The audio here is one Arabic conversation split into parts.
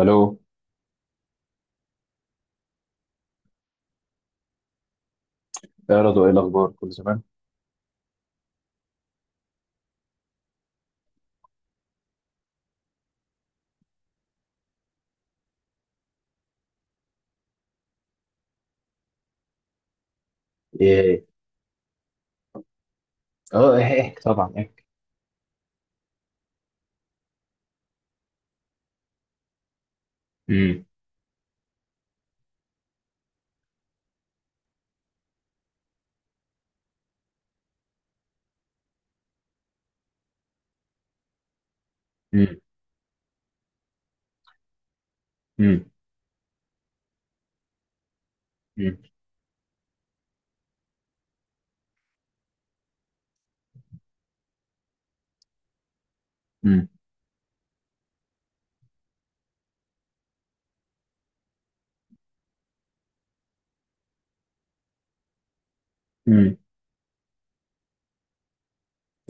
الو. يا رضوى، ايه الاخبار، كل زمان؟ ايه. احكي، طبعا احكي. امم. امم. امم. امم. امم. أمم.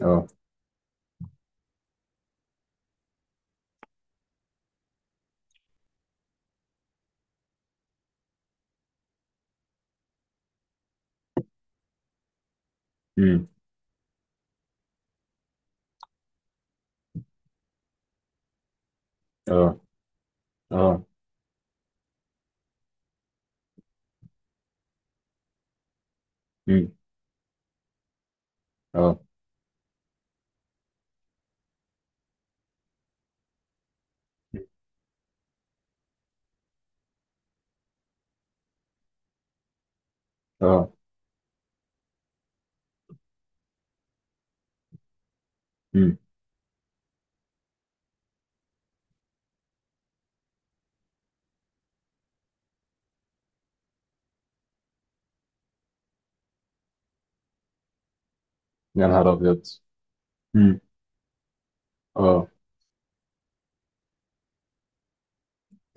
اه. امم. اه. اه. امم. اه. اه. امم. يا نهار ابيض. امم. اه.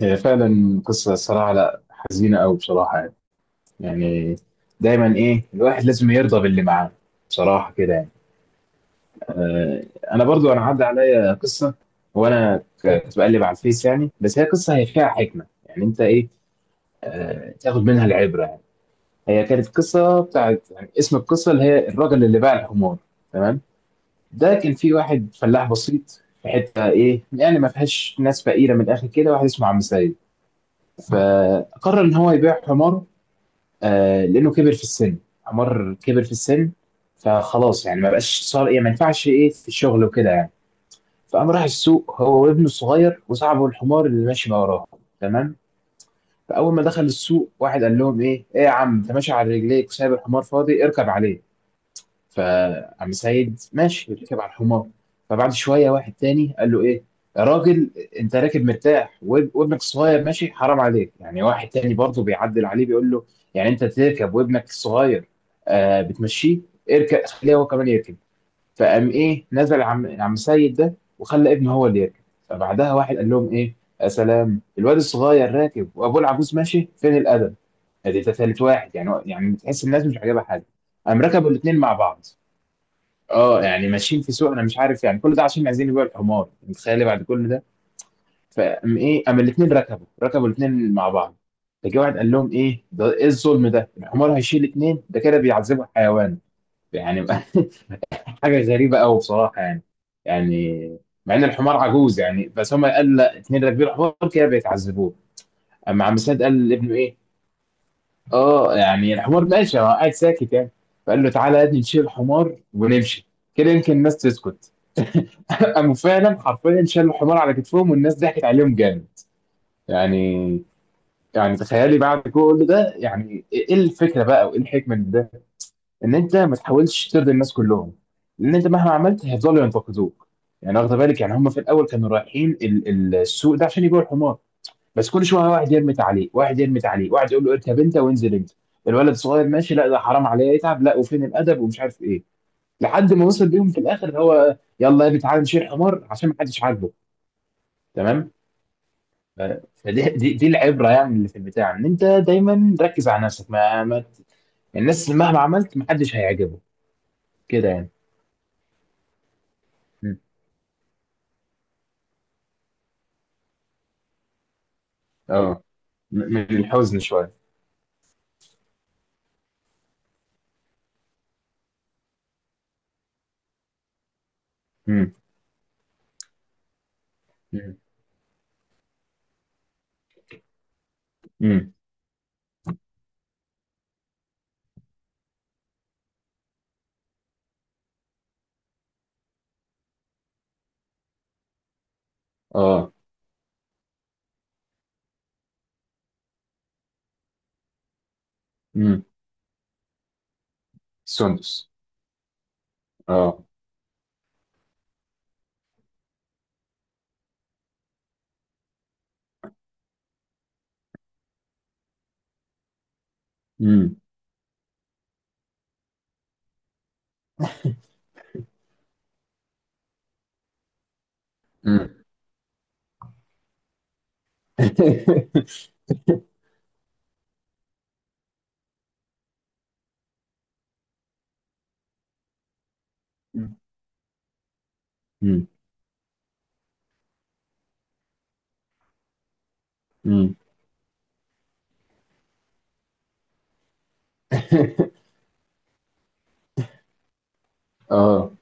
هي فعلا قصه، الصراحه لا حزينه قوي بصراحه يعني، يعني دايما ايه الواحد لازم يرضى باللي معاه، بصراحه كده يعني. آه. انا برضو انا عدى عليا قصه، كنت بقلب على الفيس يعني، بس هي قصه، هي فيها حكمه يعني، انت ايه، آه، تاخد منها العبره يعني. هي كانت قصه بتاعت، يعني اسم القصه اللي هي الراجل اللي باع الحمار. تمام. ده كان في واحد فلاح بسيط في حته ايه يعني، ما فيهاش ناس، فقيره من الاخر كده، واحد اسمه عم سيد. فقرر ان هو يبيع حمار، آه، لانه كبر في السن. حمار كبر في السن، فخلاص يعني ما بقاش، صار ايه، ما ينفعش ايه في الشغل وكده يعني. فقام راح السوق، هو وابنه الصغير وصاحبه الحمار اللي ماشي ما وراه. تمام. فاول ما دخل السوق، واحد قال لهم ايه، ايه يا عم انت ماشي على رجليك وسايب الحمار فاضي، اركب عليه. فعم سيد ماشي ركب على الحمار. فبعد شويه واحد تاني قال له، ايه يا راجل، انت راكب مرتاح وابنك الصغير ماشي، حرام عليك يعني. واحد تاني برضه بيعدل عليه، بيقول له، يعني انت تركب وابنك الصغير آه بتمشيه، اركب خليه هو كمان يركب. فقام ايه، نزل عم سيد ده وخلى ابنه هو اللي يركب. فبعدها واحد قال لهم، ايه يا سلام، الواد الصغير راكب وابوه العجوز ماشي، فين الادب؟ ادي ده ثالث واحد يعني، يعني تحس الناس مش عاجبها حاجه. قام ركبوا الاثنين مع بعض. اه يعني ماشيين في سوق، انا مش عارف يعني كل ده عشان عايزين يبيعوا الحمار، متخيل إيه بعد كل ده. فقام ايه، قام الاثنين ركبوا، الاثنين مع بعض. فجه واحد قال لهم، ايه ده، ايه الظلم ده، الحمار هيشيل اثنين، ده كده بيعذبوا الحيوان يعني. حاجه غريبه قوي بصراحه يعني، يعني مع ان الحمار عجوز يعني، بس هم قال لا، اتنين راكبين الحمار كده بيتعذبوه. اما عم سعد قال لابنه ايه، اه يعني الحمار ماشي هو قاعد ساكت يعني، فقال له، تعالى يا ابني نشيل الحمار ونمشي، كده يمكن الناس تسكت. قاموا فعلا حرفيا شالوا الحمار على كتفهم، والناس ضحكت عليهم جامد يعني. يعني تخيلي بعد كل ده يعني، ايه الفكره بقى وايه الحكمه من ده؟ ان انت ما تحاولش ترضي الناس كلهم، لان انت مهما عملت هيفضلوا ينتقدوك يعني. واخد بالك يعني، هم في الاول كانوا رايحين السوق ده عشان يبيعوا الحمار، بس كل شويه واحد يرمي تعليق، واحد يرمي تعليق، واحد يقول له اركب انت وانزل انت، الولد الصغير ماشي لا ده حرام عليه يتعب، لا وفين الادب ومش عارف ايه، لحد ما وصل بيهم في الاخر اللي هو يلا يا ابني تعالى نشيل حمار عشان ما حدش عاجبه. تمام. ف- فدي دي العبره يعني، اللي في البتاع ان انت دايما ركز على نفسك، ما الناس مهما عملت ما حدش هيعجبه كده يعني. م. اه. من الحزن شوية. امم. امم. امم. اه. امم. سندس. اه. امم. امم. امم. امم. اه.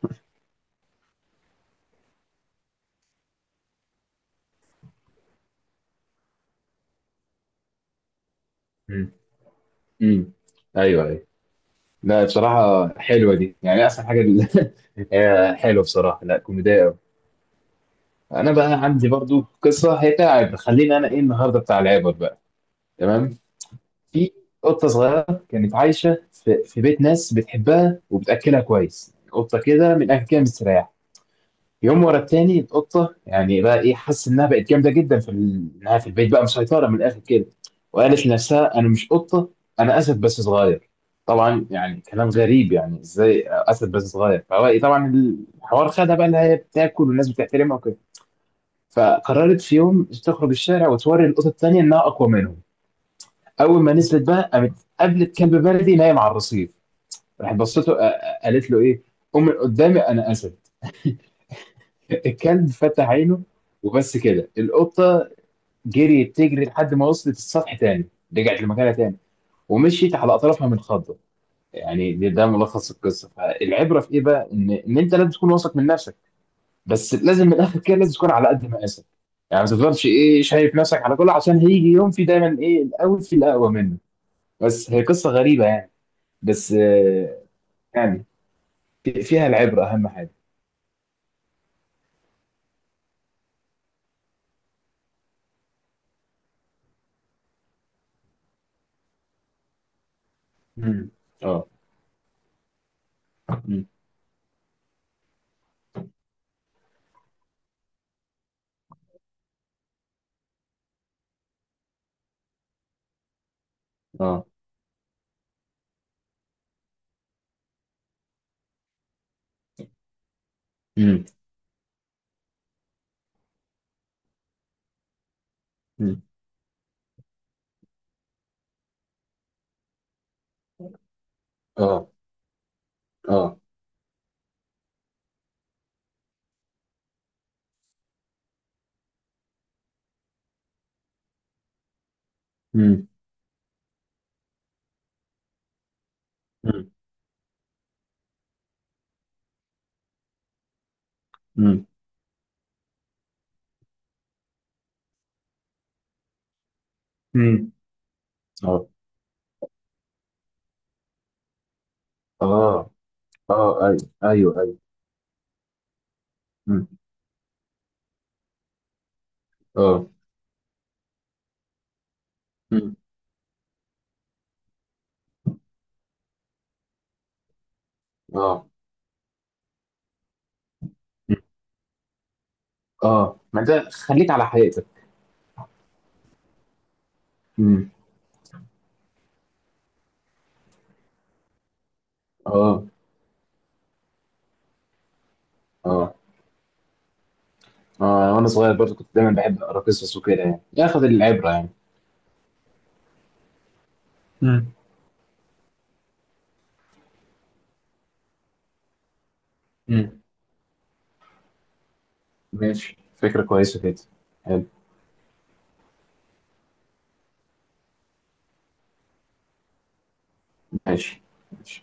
امم. امم. ايوه، ايوه. لا، بصراحة حلوة دي يعني، أحسن حاجة دي. هي حلوة بصراحة، لا كوميدية أوي. أنا بقى عندي برضو قصة، هي بتاع عبر، خلينا أنا إيه النهاردة بتاع العبر بقى. تمام. في قطة صغيرة كانت عايشة في بيت ناس بتحبها وبتأكلها كويس، قطة كده من الأكل كده مستريحة. يوم ورا التاني القطه يعني بقى ايه، حاسس انها بقت جامده جدا في ال-، انها في البيت بقى مسيطره من الاخر كده. وقالت لنفسها انا مش قطه، انا اسد بس صغير. طبعا يعني كلام غريب يعني، ازاي اسد بس صغير؟ فهو إيه طبعا الحوار خدها بقى اللي هي بتاكل والناس بتحترمها وكده. فقررت في يوم تخرج الشارع وتوري القطط التانيه انها اقوى منهم. اول ما نزلت بقى، قامت قابلت كلب بلدي نايم على الرصيف، راحت بصته آه، آه، قالت له ايه، قوم من قدامي، انا اسد. الكلب فتح عينه، وبس كده القطة جريت تجري لحد ما وصلت السطح تاني، رجعت لمكانها تاني ومشيت على أطرافها من خضة يعني. ده ملخص القصة، فالعبرة في إيه بقى؟ إن أنت لازم تكون واثق من نفسك، بس لازم من الآخر كده لازم تكون على قد مقاسك يعني، ما تفضلش إيه شايف نفسك على كله، عشان هيجي يوم في دايما إيه الأول في الأقوى منه. بس هي قصة غريبة يعني، بس آه، يعني فيها العبرة أهم حاجة. مم. اه. مم. اه. مم. مم. اه. اه. مم. مم. مم. اه. اه. اه. ايوه، ايوه، ايوه. مم. اه. مم. اه. مم. اه، ما ده خليك على حقيقتك. مم. اه. اه. اه، وانا صغير برضه كنت دايما بحب اقرا قصص وكده يعني، ياخد العبره يعني. مم. مم. ماشي، فكره كويسه كده. حلو. ماشي. ماشي.